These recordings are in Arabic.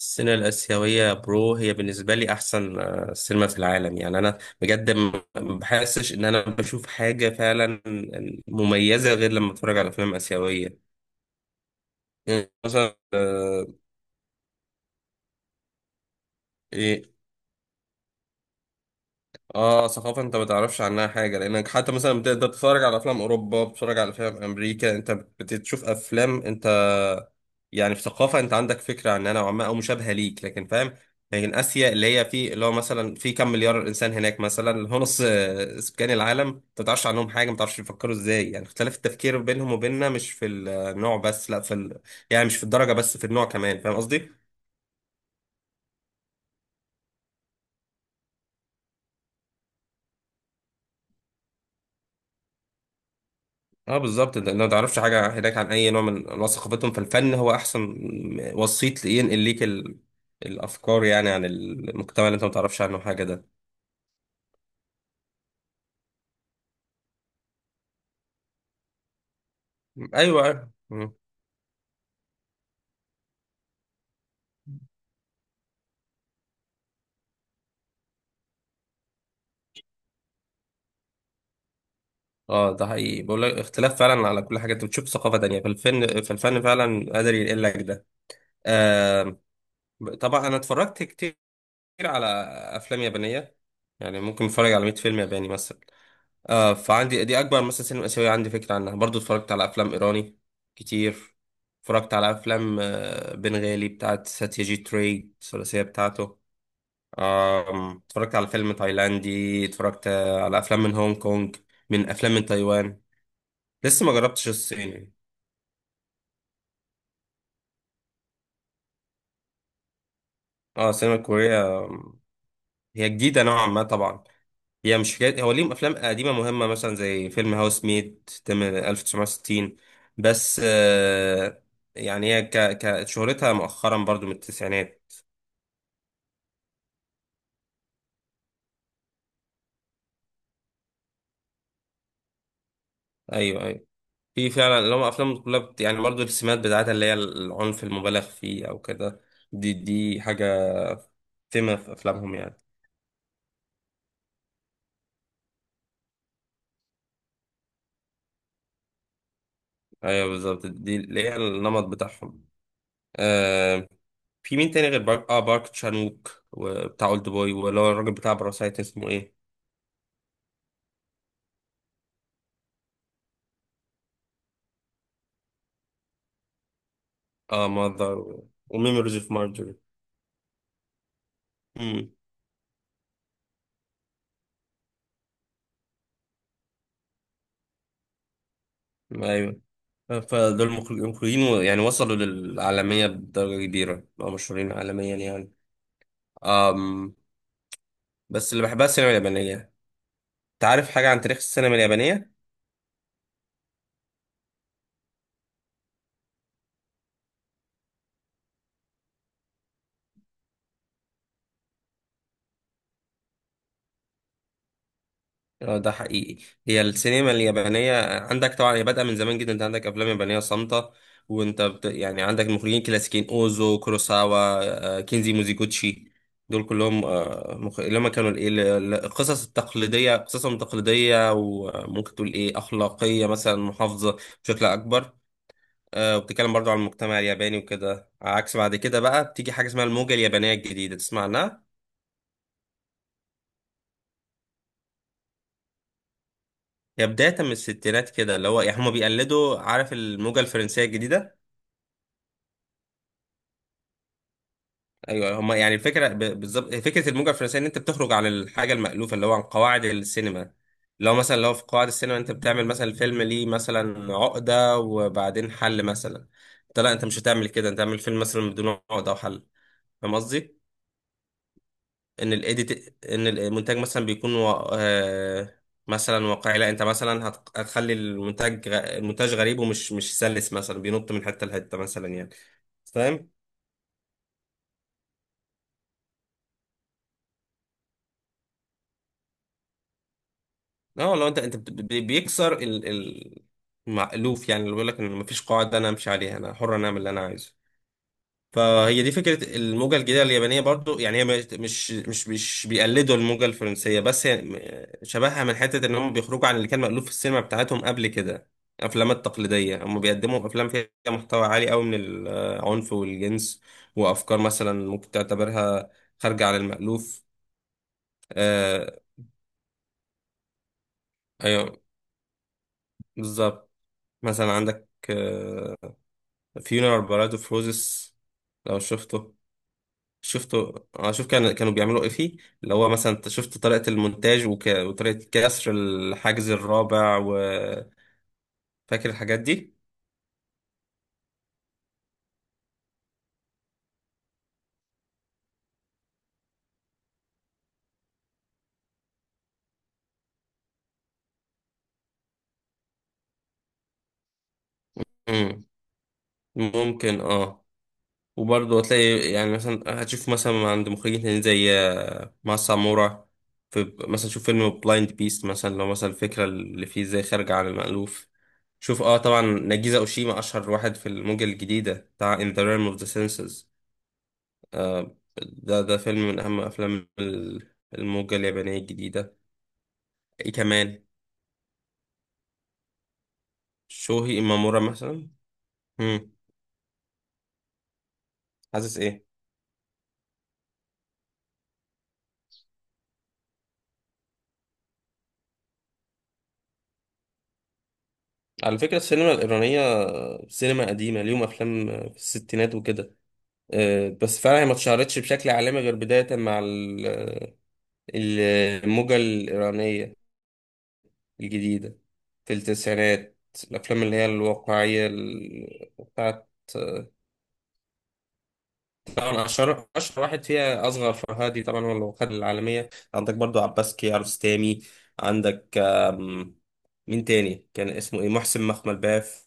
السينما الآسيوية برو هي بالنسبة لي أحسن سينما في العالم. يعني أنا بجد ما بحسش إن أنا بشوف حاجة فعلا مميزة غير لما أتفرج على أفلام آسيوية. يعني مثلا إيه، اه ثقافة انت ما تعرفش عنها حاجة، لانك حتى مثلا بتقدر تتفرج على افلام اوروبا، بتتفرج على افلام امريكا، انت بتشوف افلام انت يعني في ثقافة انت عندك فكرة عنها نوعا ما او مشابهة ليك، لكن فاهم. لكن اسيا اللي هي في اللي هو مثلا في كم مليار انسان هناك، مثلا اللي هو نص سكان العالم، انت ما تعرفش عنهم حاجة، ما تعرفش بيفكروا ازاي. يعني اختلاف التفكير بينهم وبيننا مش في النوع بس، لا في ال... يعني مش في الدرجة بس في النوع كمان، فاهم قصدي؟ اه بالظبط. انت ما تعرفش حاجه هناك عن اي نوع من انواع ثقافتهم، فالفن هو احسن وسيط ينقل ليك ال... الافكار يعني عن المجتمع اللي انت ما تعرفش عنه حاجه ده. ايوه أيوة. مم. اه ده حقيقي، بقول لك اختلاف فعلا على كل حاجه. انت بتشوف ثقافه تانية، فالفن فعلا قادر ينقل لك ده. آه طبعا انا اتفرجت كتير على افلام يابانيه، يعني ممكن اتفرج على 100 فيلم ياباني مثلا. آه، فعندي دي اكبر مثلا سينما اسيويه عندي فكره عنها. برضو اتفرجت على افلام ايراني كتير، اتفرجت على افلام بنغالي بتاعت ساتياجيت راي، الثلاثيه بتاعته. اتفرجت على فيلم تايلاندي، اتفرجت على افلام من هونج كونج، من افلام من تايوان. لسه ما جربتش الصين يعني. اه السينما الكوريه هي جديده نوعا ما طبعا. هي مش حكاية، هو ليهم أفلام قديمة مهمة مثلا زي فيلم هاوس ميد تم 1960، بس آه يعني هي ك ك شهرتها مؤخرا برضو من التسعينات. أيوه أيوه، في فعلا اللي هم أفلام كلها بت... يعني برضو السمات بتاعتها اللي هي العنف المبالغ فيه أو كده، دي حاجة تم في أفلامهم يعني. أيوه بالظبط، دي اللي هي النمط بتاعهم. آه، في مين تاني غير بارك بارك تشانوك وبتاع أولد بوي، ولا الراجل بتاع باراسايت اسمه إيه؟ اه ماذر وميموريز اوف مارجوري. امم، ايوه. فدول مخرجين، يعني وصلوا للعالمية بدرجة كبيرة، بقوا مشهورين عالميا يعني. أم، بس اللي بحبها السينما اليابانية. انت عارف حاجة عن تاريخ السينما اليابانية؟ اه ده حقيقي. هي السينما اليابانية عندك طبعا هي بادئة من زمان جدا، انت عندك افلام يابانية صامتة، وانت بت... يعني عندك مخرجين كلاسيكيين اوزو، كوروساوا، كينزي موزيجوتشي. دول كلهم مخ... اللي هم كانوا الايه القصص التقليدية، قصصهم تقليدية وممكن تقول ايه اخلاقية مثلا، محافظة بشكل اكبر. وبتتكلم برضو عن المجتمع الياباني وكده. عكس بعد كده بقى بتيجي حاجة اسمها الموجة اليابانية الجديدة، تسمع عنها؟ هي بداية من الستينات كده، اللي هو يعني هما بيقلدوا، عارف الموجة الفرنسية الجديدة. ايوه هما يعني الفكرة بالظبط فكرة الموجة الفرنسية، ان انت بتخرج عن الحاجة المألوفة اللي هو عن قواعد السينما. لو مثلا لو في قواعد السينما انت بتعمل مثلا الفيلم ليه مثلا عقدة وبعدين حل مثلا، انت لا انت مش هتعمل كده، انت تعمل فيلم مثلا بدون عقدة وحل، فاهم قصدي؟ ان الايديت، ان المونتاج مثلا بيكون مثلا واقعي، لا انت مثلا هت... هتخلي المونتاج غ... المونتاج غريب ومش مش سلس، مثلا بينط من حته لحته مثلا يعني، فاهم. اه لو انت بيكسر المألوف يعني، اللي بيقول لك ان مفيش قاعده انا امشي عليها، انا حر انا اعمل اللي انا عايزه. فهي دي فكرة الموجة الجديدة اليابانية برضو. يعني هي مش بيقلدوا الموجة الفرنسية بس، هي شبهها من حتة ان هم بيخرجوا عن اللي كان مألوف في السينما بتاعتهم قبل كده. الافلام التقليدية، هم بيقدموا افلام فيها محتوى عالي قوي من العنف والجنس، وافكار مثلا ممكن تعتبرها خارجة عن المألوف. آه، ايوه بالظبط. مثلا عندك آه فيونر بارادو فروزس، لو شفته؟ شفتوا؟ اه شوف كان كانوا بيعملوا ايه فيه، اللي هو مثلا انت شفت طريقة المونتاج وطريقة كسر الحاجز الرابع، وفاكر الحاجات دي. امم ممكن اه. وبرضه هتلاقي يعني مثلا هتشوف مثلا عند مخرجين تانيين زي ماسا مورا. في مثلا شوف فيلم بلايند بيست مثلا، لو مثلا الفكرة اللي فيه ازاي خارجة عن المألوف. شوف اه طبعا ناجيزا اوشيما اشهر واحد في الموجة الجديدة، بتاع In the Realm of the Senses. ده ده فيلم من أهم أفلام الموجة اليابانية الجديدة. إيه كمان؟ شوهي إمامورا مثلا. مم. حاسس إيه؟ على فكرة السينما الإيرانية سينما قديمة، ليهم أفلام في الستينات وكده. بس فعلا هي ما اتشهرتش بشكل عالمي غير بداية مع ال- الموجة الإيرانية الجديدة في التسعينات. الأفلام اللي هي الواقعية بتاعت، طبعا اشهر واحد فيها اصغر فرهادي طبعا، هو اللي خد العالميه. عندك برضو عباس كيارستامي، عندك مين تاني كان اسمه ايه، محسن مخمل باف.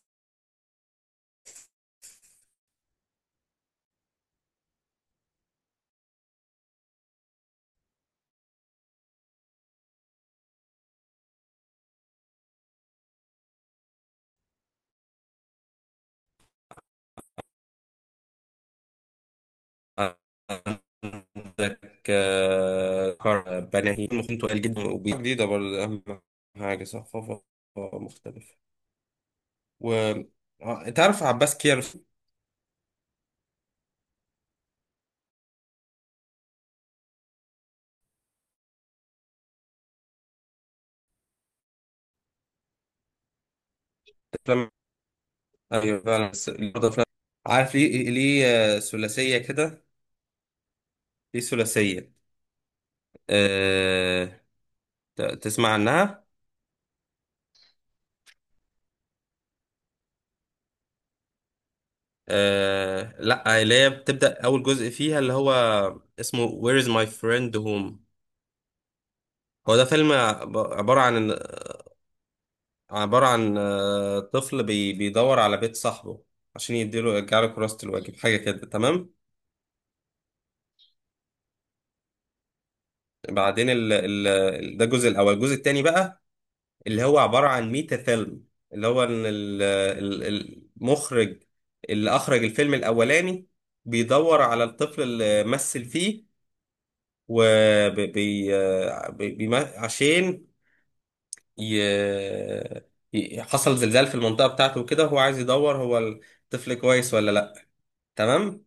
عندك بناهي، ممكن تقال جدا وجديده برضه. اهم حاجه ثقافه مختلفه. و تعرف عباس كيارستامي؟ أفلام- ايوه فعلا، بس برضه أفلام، عارف ليه؟ ثلاثيه كده، ليه ثلاثيه؟ تسمع عنها؟ آه لا، اللي هي بتبدأ أول جزء فيها اللي هو اسمه Where is my friend home. هو ده فيلم عبارة عن، عبارة عن طفل بيدور على بيت صاحبه عشان يديله، يرجع له كراسة الواجب، حاجة كده. تمام؟ بعدين ده الجزء الأول. الجزء التاني بقى اللي هو عبارة عن ميتا فيلم، اللي هو إن المخرج اللي أخرج الفيلم الأولاني بيدور على الطفل اللي مثل فيه، وبي عشان ي... حصل زلزال في المنطقة بتاعته وكده، هو عايز يدور هو الطفل كويس ولا لأ. تمام.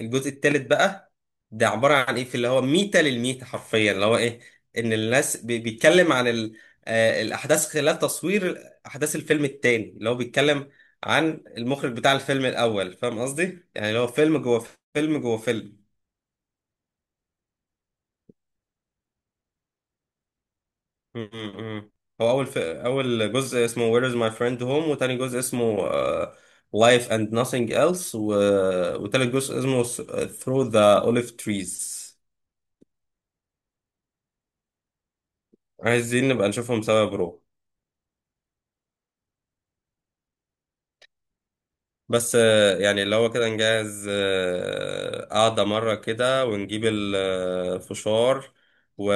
الجزء الثالث بقى، ده عبارة عن ايه، في اللي هو ميتة للميتة حرفيا، اللي هو ايه، ان الناس بيتكلم عن ال... الأحداث خلال تصوير أحداث الفيلم التاني اللي هو بيتكلم عن المخرج بتاع الفيلم الأول، فاهم قصدي؟ يعني اللي هو فيلم جوه فيلم، جوه فيلم. م. هو اول جزء اسمه Where is my friend home، وتاني جزء اسمه Life and nothing else، وتالت جزء اسمه Through the olive trees. عايزين نبقى نشوفهم سوا يا برو. بس يعني اللي هو كده نجهز قعدة مرة كده، ونجيب الفشار و...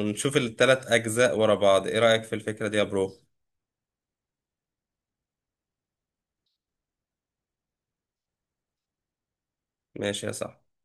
ونشوف التلات أجزاء ورا بعض، إيه رأيك في الفكرة دي يا برو؟ ماشي يا صاحبي.